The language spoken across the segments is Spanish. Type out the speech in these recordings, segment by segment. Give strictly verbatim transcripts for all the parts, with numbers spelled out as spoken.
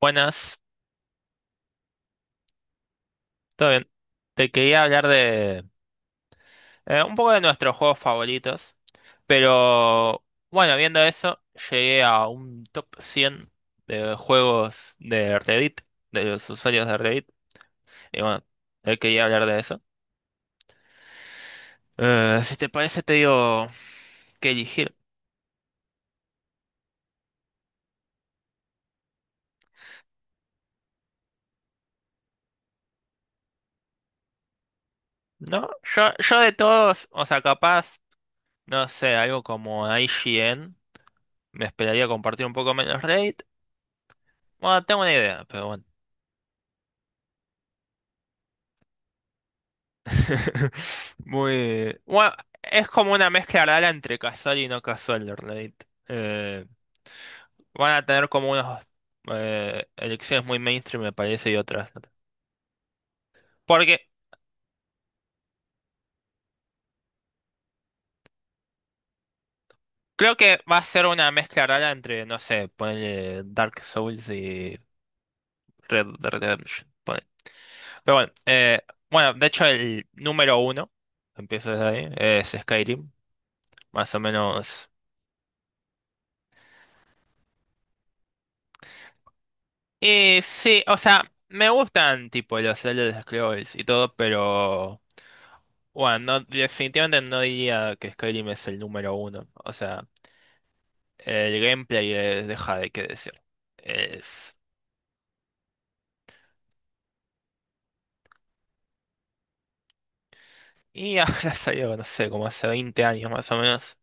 Buenas, todo bien. Te quería hablar de eh, un poco de nuestros juegos favoritos, pero bueno, viendo eso, llegué a un top cien de juegos de Reddit, de los usuarios de Reddit, y bueno, te quería hablar de eso. Eh, si te parece, te digo que elegir, ¿no? Yo, yo de todos, o sea, capaz, no sé, algo como I G N me esperaría compartir un poco menos Reddit. Bueno, tengo una idea, pero bueno. Muy. Bueno, es como una mezcla rara entre casual y no casual, de Reddit. Eh, van a tener como unas eh, elecciones muy mainstream, me parece, y otras. No. Porque creo que va a ser una mezcla rara entre, no sé, ponerle Dark Souls y Red Dead Redemption. Ponele. Pero bueno, eh, bueno, de hecho, el número uno, empiezo desde ahí, es Skyrim, más o menos. Y sí, o sea, me gustan tipo los Elder Scrolls y todo, pero. Bueno, no- definitivamente no diría que Skyrim es el número uno. O sea, el gameplay es- deja de qué decir. Es. Y ahora salió, no sé, como hace veinte años más o menos.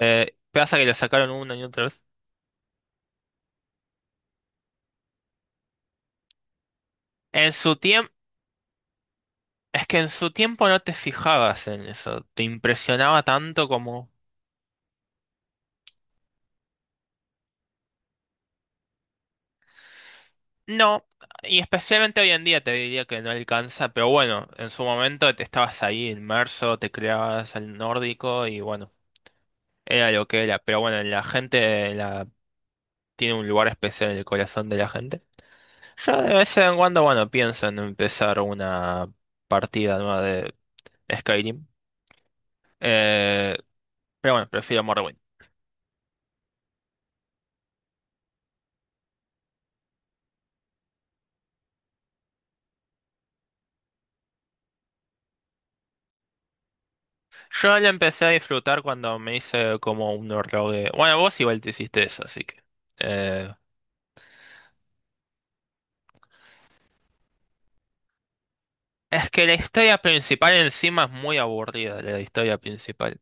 Eh, pasa que lo sacaron una y otra vez. En su tiempo, es que en su tiempo no te fijabas en eso. Te impresionaba tanto como. No, y especialmente hoy en día te diría que no alcanza, pero bueno, en su momento te estabas ahí inmerso, te creabas el nórdico y bueno. Era lo que era, pero bueno, la gente la, tiene un lugar especial en el corazón de la gente. Yo de vez en cuando, bueno, pienso en empezar una partida nueva de Skyrim. Eh, pero bueno, prefiero Morrowind. Yo la empecé a disfrutar cuando me hice como un rogue. Bueno, vos igual te hiciste eso, así que. eh, es que la historia principal encima es muy aburrida, la historia principal.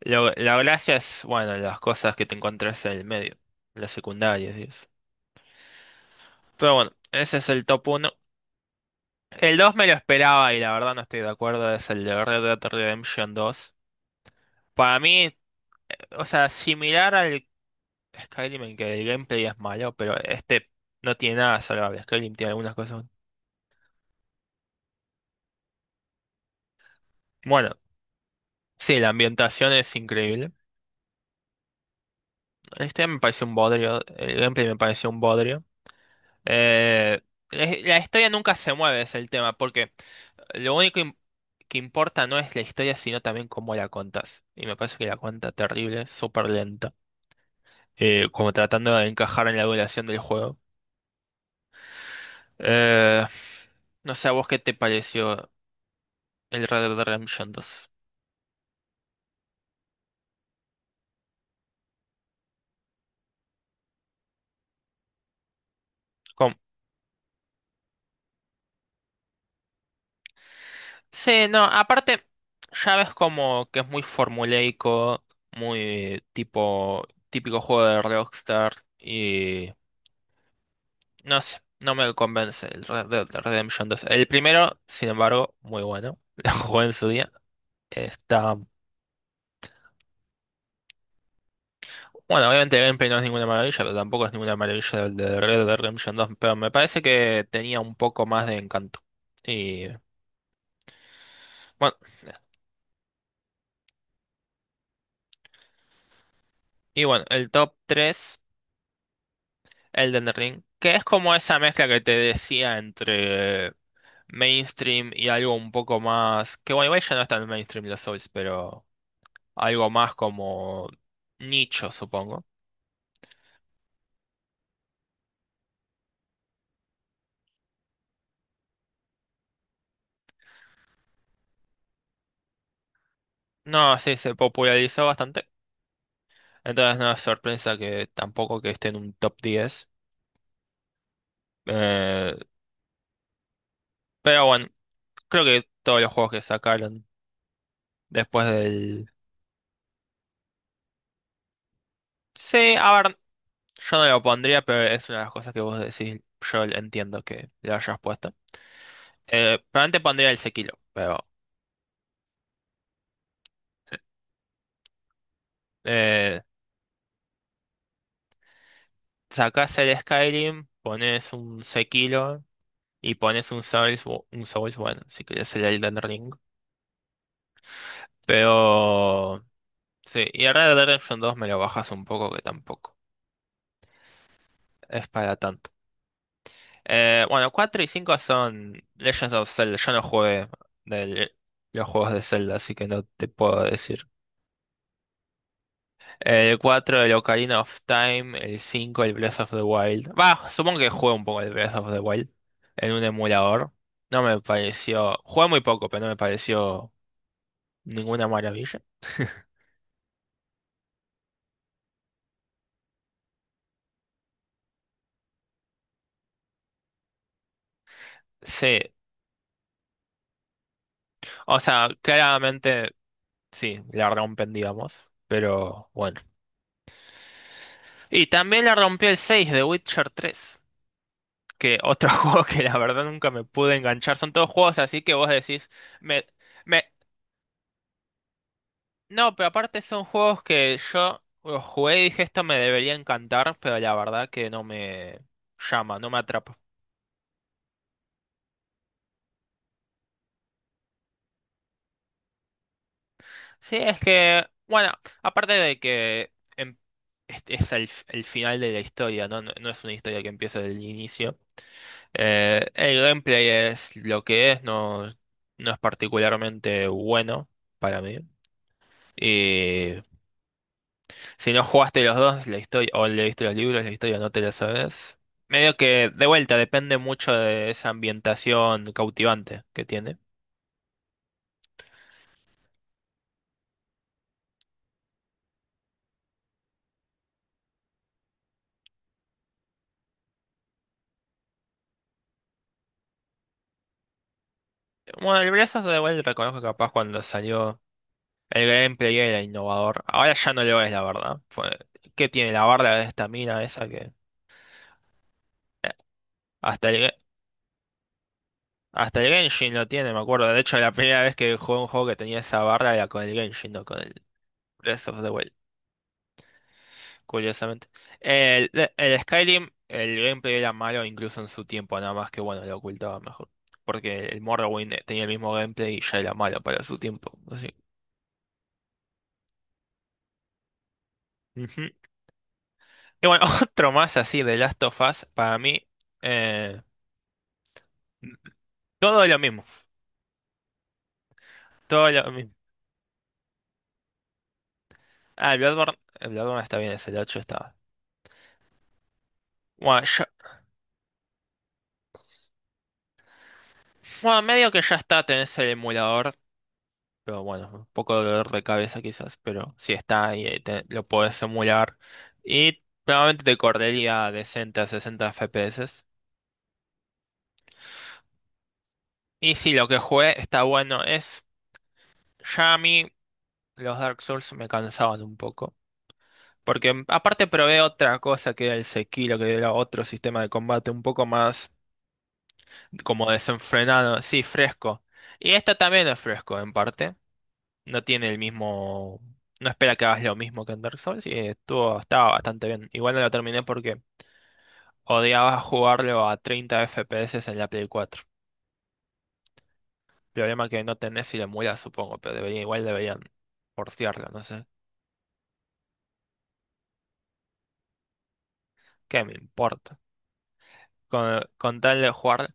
Lo- la gracia es, bueno, las cosas que te encontrás en el medio, las secundarias y eso. Pero bueno, ese es el top uno. El dos me lo esperaba y la verdad no estoy de acuerdo, es el de Red Dead Redemption dos. Para mí, o sea, similar al Skyrim en que el gameplay es malo, pero este no tiene nada salvable. Skyrim tiene algunas cosas. Bueno, sí, la ambientación es increíble. Este me parece un bodrio, el gameplay me pareció un bodrio. Eh, la la historia nunca se mueve, es el tema, porque lo único im- que importa no es la historia, sino también cómo la contas. Y me parece que la cuenta terrible, súper lenta. eh, como tratando de encajar en la evaluación del juego. Eh, no sé, ¿a vos qué te pareció el Red Dead Redemption dos? ¿Cómo? Sí, no, aparte, ya ves como que es muy formulaico, muy tipo típico juego de Rockstar y no sé, no me convence el Red Dead Redemption dos. El primero, sin embargo, muy bueno, lo jugué en su día, está. Bueno, obviamente el gameplay no es ninguna maravilla, pero tampoco es ninguna maravilla el de Red Dead Redemption dos, pero me parece que tenía un poco más de encanto. Y bueno, y bueno, el top tres, Elden Ring, que es como esa mezcla que te decía entre mainstream y algo un poco más, que bueno, igual ya no es tan mainstream los Souls, pero algo más como nicho, supongo. No, sí, se popularizó bastante, entonces no es sorpresa que tampoco que esté en un top diez. Eh, pero bueno. Creo que todos los juegos que sacaron después del. Sí, a ver, yo no lo pondría, pero es una de las cosas que vos decís, yo entiendo que lo hayas puesto. Eh, probablemente pondría el Sekiro, pero. Eh, sacás el Skyrim, pones un Sekiro y pones un Souls, un Souls, bueno, si querés el Elden Ring. Pero. Sí, y el Red Dead Redemption dos me lo bajas un poco que tampoco es para tanto. Eh, bueno, cuatro y cinco son Legends of Zelda. Yo no jugué del- los juegos de Zelda, así que no te puedo decir. El cuatro, el Ocarina of Time. El cinco, el Breath of the Wild. Va, supongo que jugué un poco el Breath of the Wild en un emulador. No me pareció. Jugué muy poco, pero no me pareció ninguna maravilla. Sí, o sea, claramente sí, la rompen, digamos. Pero bueno. Y también la rompió el seis de Witcher tres. Que otro juego que la verdad nunca me pude enganchar. Son todos juegos así que vos decís, me, me, no, pero aparte son juegos que yo los jugué y dije esto me debería encantar, pero la verdad que no me llama, no me atrapa. Sí, es que, bueno, aparte de que em- es, es el, f- el final de la historia, ¿no? No, no es una historia que empieza del inicio. Eh, el gameplay es lo que es, no, no es particularmente bueno para mí. Si no jugaste los dos, la historia, o leíste los libros, la historia no te la sabes. Medio que, de vuelta, depende mucho de esa ambientación cautivante que tiene. Bueno, el Breath of the Wild reconozco que capaz cuando salió el gameplay era innovador. Ahora ya no lo es, la verdad. Fue- ¿qué tiene la barra de esta mina esa que eh, hasta el, Ge- hasta el Genshin lo tiene? Me acuerdo. De hecho, la primera vez que jugué un juego que tenía esa barra era con el Genshin, no con el Breath of the Wild. Curiosamente. El, el Skyrim, el gameplay era malo incluso en su tiempo, nada más que bueno, lo ocultaba mejor. Porque el Morrowind tenía el mismo gameplay y ya era malo para su tiempo. Así. Ujú. Y bueno, otro más así de Last of Us, para mí, eh, todo lo mismo, todo lo mismo. Ah, el Bloodborne, el Bloodborne está bien, es el ocho está. Bueno, ya- bueno, medio que ya está, tenés el emulador. Pero bueno, un poco de dolor de cabeza quizás, pero si está y lo puedes emular. Y probablemente te correría decente a sesenta F P S. Y si lo que jugué está bueno, es. Ya a mí los Dark Souls me cansaban un poco. Porque mm, aparte probé otra cosa que era el Sekiro, que era otro sistema de combate un poco más como desenfrenado, sí, fresco. Y esta también es fresco en parte. No tiene el mismo. No espera que hagas lo mismo que en Dark Souls y estuvo, estaba bastante bien. Igual no lo terminé porque odiaba jugarlo a treinta F P S en la Play cuatro. Problema que no tenés si lo emulas, supongo, pero debería, igual deberían portearlo, no sé. ¿Qué me importa? Con, con tal de jugar.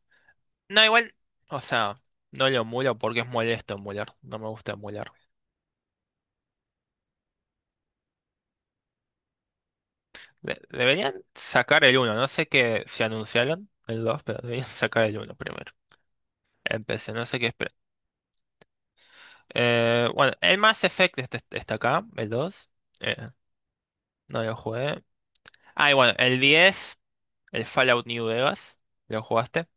No, igual, o sea, no lo emulo porque es molesto emular. No me gusta emular. De- deberían sacar el uno no sé qué, si anunciaron el dos pero deberían sacar el uno primero. Empecé, no sé qué esperar. Eh, bueno, el Mass Effect este- este- está acá, el dos. Eh, no lo jugué. Ah, y bueno, el diez el Fallout New Vegas. ¿Lo jugaste?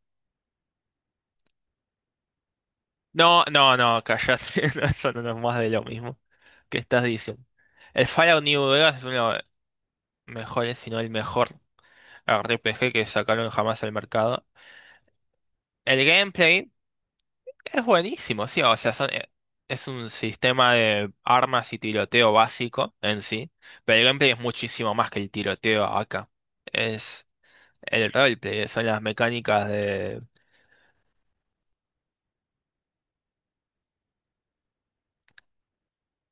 No, no, no, callate. no, Eso no es más de lo mismo. ¿Qué estás diciendo? El Fallout New Vegas es uno de los mejores, si no el mejor R P G que sacaron jamás al mercado. El gameplay es buenísimo, sí. O sea, son, eh, es un sistema de armas y tiroteo básico en sí. Pero el gameplay es muchísimo más que el tiroteo acá. Es. El roleplay son las mecánicas de.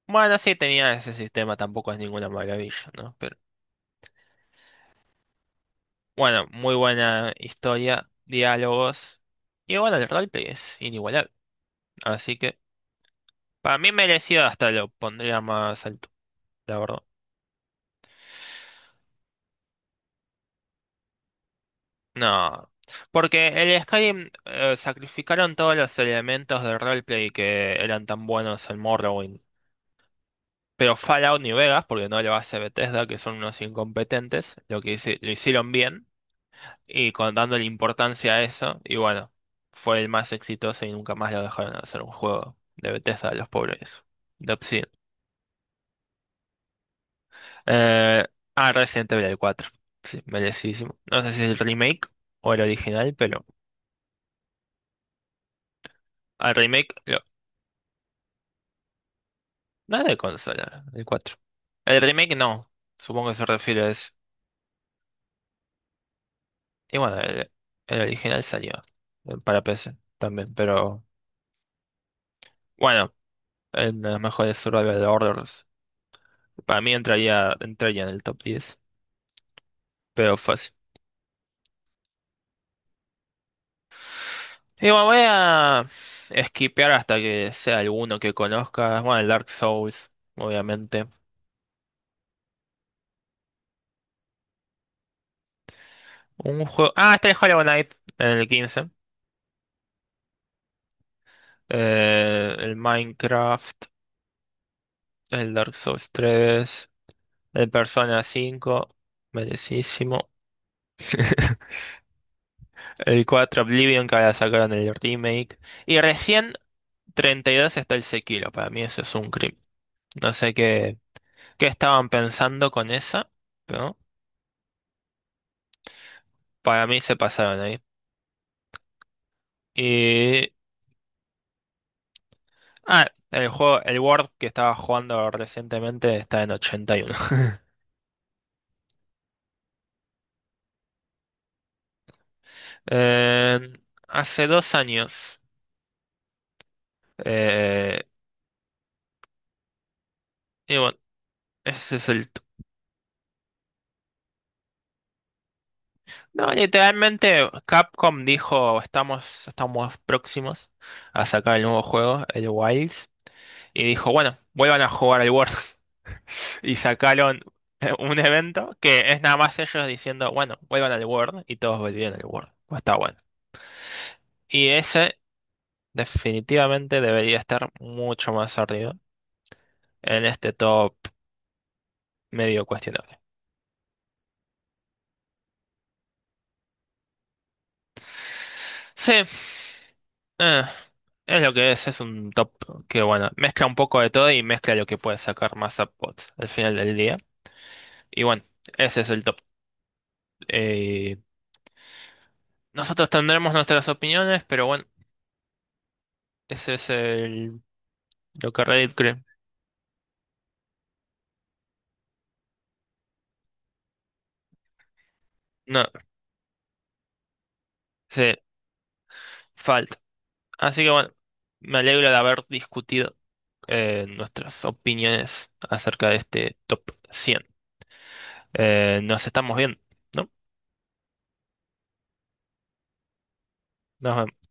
Bueno, sí tenía ese sistema, tampoco es ninguna maravilla, ¿no? Pero bueno, muy buena historia, diálogos. Y bueno, el roleplay es inigualable. Así que para mí merecido hasta lo pondría más alto, la verdad. No. Porque el Skyrim eh, sacrificaron todos los elementos del roleplay que eran tan buenos en Morrowind. Pero Fallout ni Vegas, porque no lo hace Bethesda, que son unos incompetentes, lo que hice- lo hicieron bien. Y con dándole importancia a eso, y bueno, fue el más exitoso y nunca más lo dejaron hacer un juego de Bethesda de los pobres, de Obsidian. Eh, ah, Resident Evil cuatro, sí, merecidísimo. No sé si es el remake o el original, pero al remake, lo- no es de consola, el cuatro. El remake no, supongo que se refiere es, y bueno, el, el original salió eh, para P C también, pero bueno, en los mejores survival horrors, para mí entraría, entraría en el top diez, pero fácil. Y bueno, voy a skipear hasta que sea alguno que conozcas. Bueno, el Dark Souls, obviamente. Un juego. Ah, está el Hollow Knight en el quince. Eh, el Minecraft. El Dark Souls tres. El Persona cinco. Merecidísimo. El cuatro Oblivion que ahora sacaron el remake. Y recién treinta y dos está el Sekiro. Para mí eso es un crimen. No sé qué, qué estaban pensando con esa, pero para mí se pasaron ahí. Ah, el juego, el Word que estaba jugando recientemente está en ochenta y uno. Eh, hace dos años. eh, y bueno, ese es el... t- No, literalmente Capcom dijo, estamos, estamos próximos a sacar el nuevo juego, el Wilds. Y dijo, bueno, vuelvan a jugar al Word. Y sacaron eh, un evento que es nada más ellos diciendo, bueno, vuelvan al Word. Y todos volvieron al Word. Pues está bueno. Y ese Definitivamente debería estar mucho más arriba en este top medio cuestionable. Sí, eh, es lo que es, es un top que, bueno, mezcla un poco de todo y mezcla lo que puede sacar más upvotes al final del día. Y bueno, ese es el top. Eh, nosotros tendremos nuestras opiniones, pero bueno, ese es el, lo que Reddit cree. No, sí, falta. Así que bueno, me alegro de haber discutido eh, nuestras opiniones acerca de este top cien. eh, nos estamos viendo, ¿no? Nos vemos.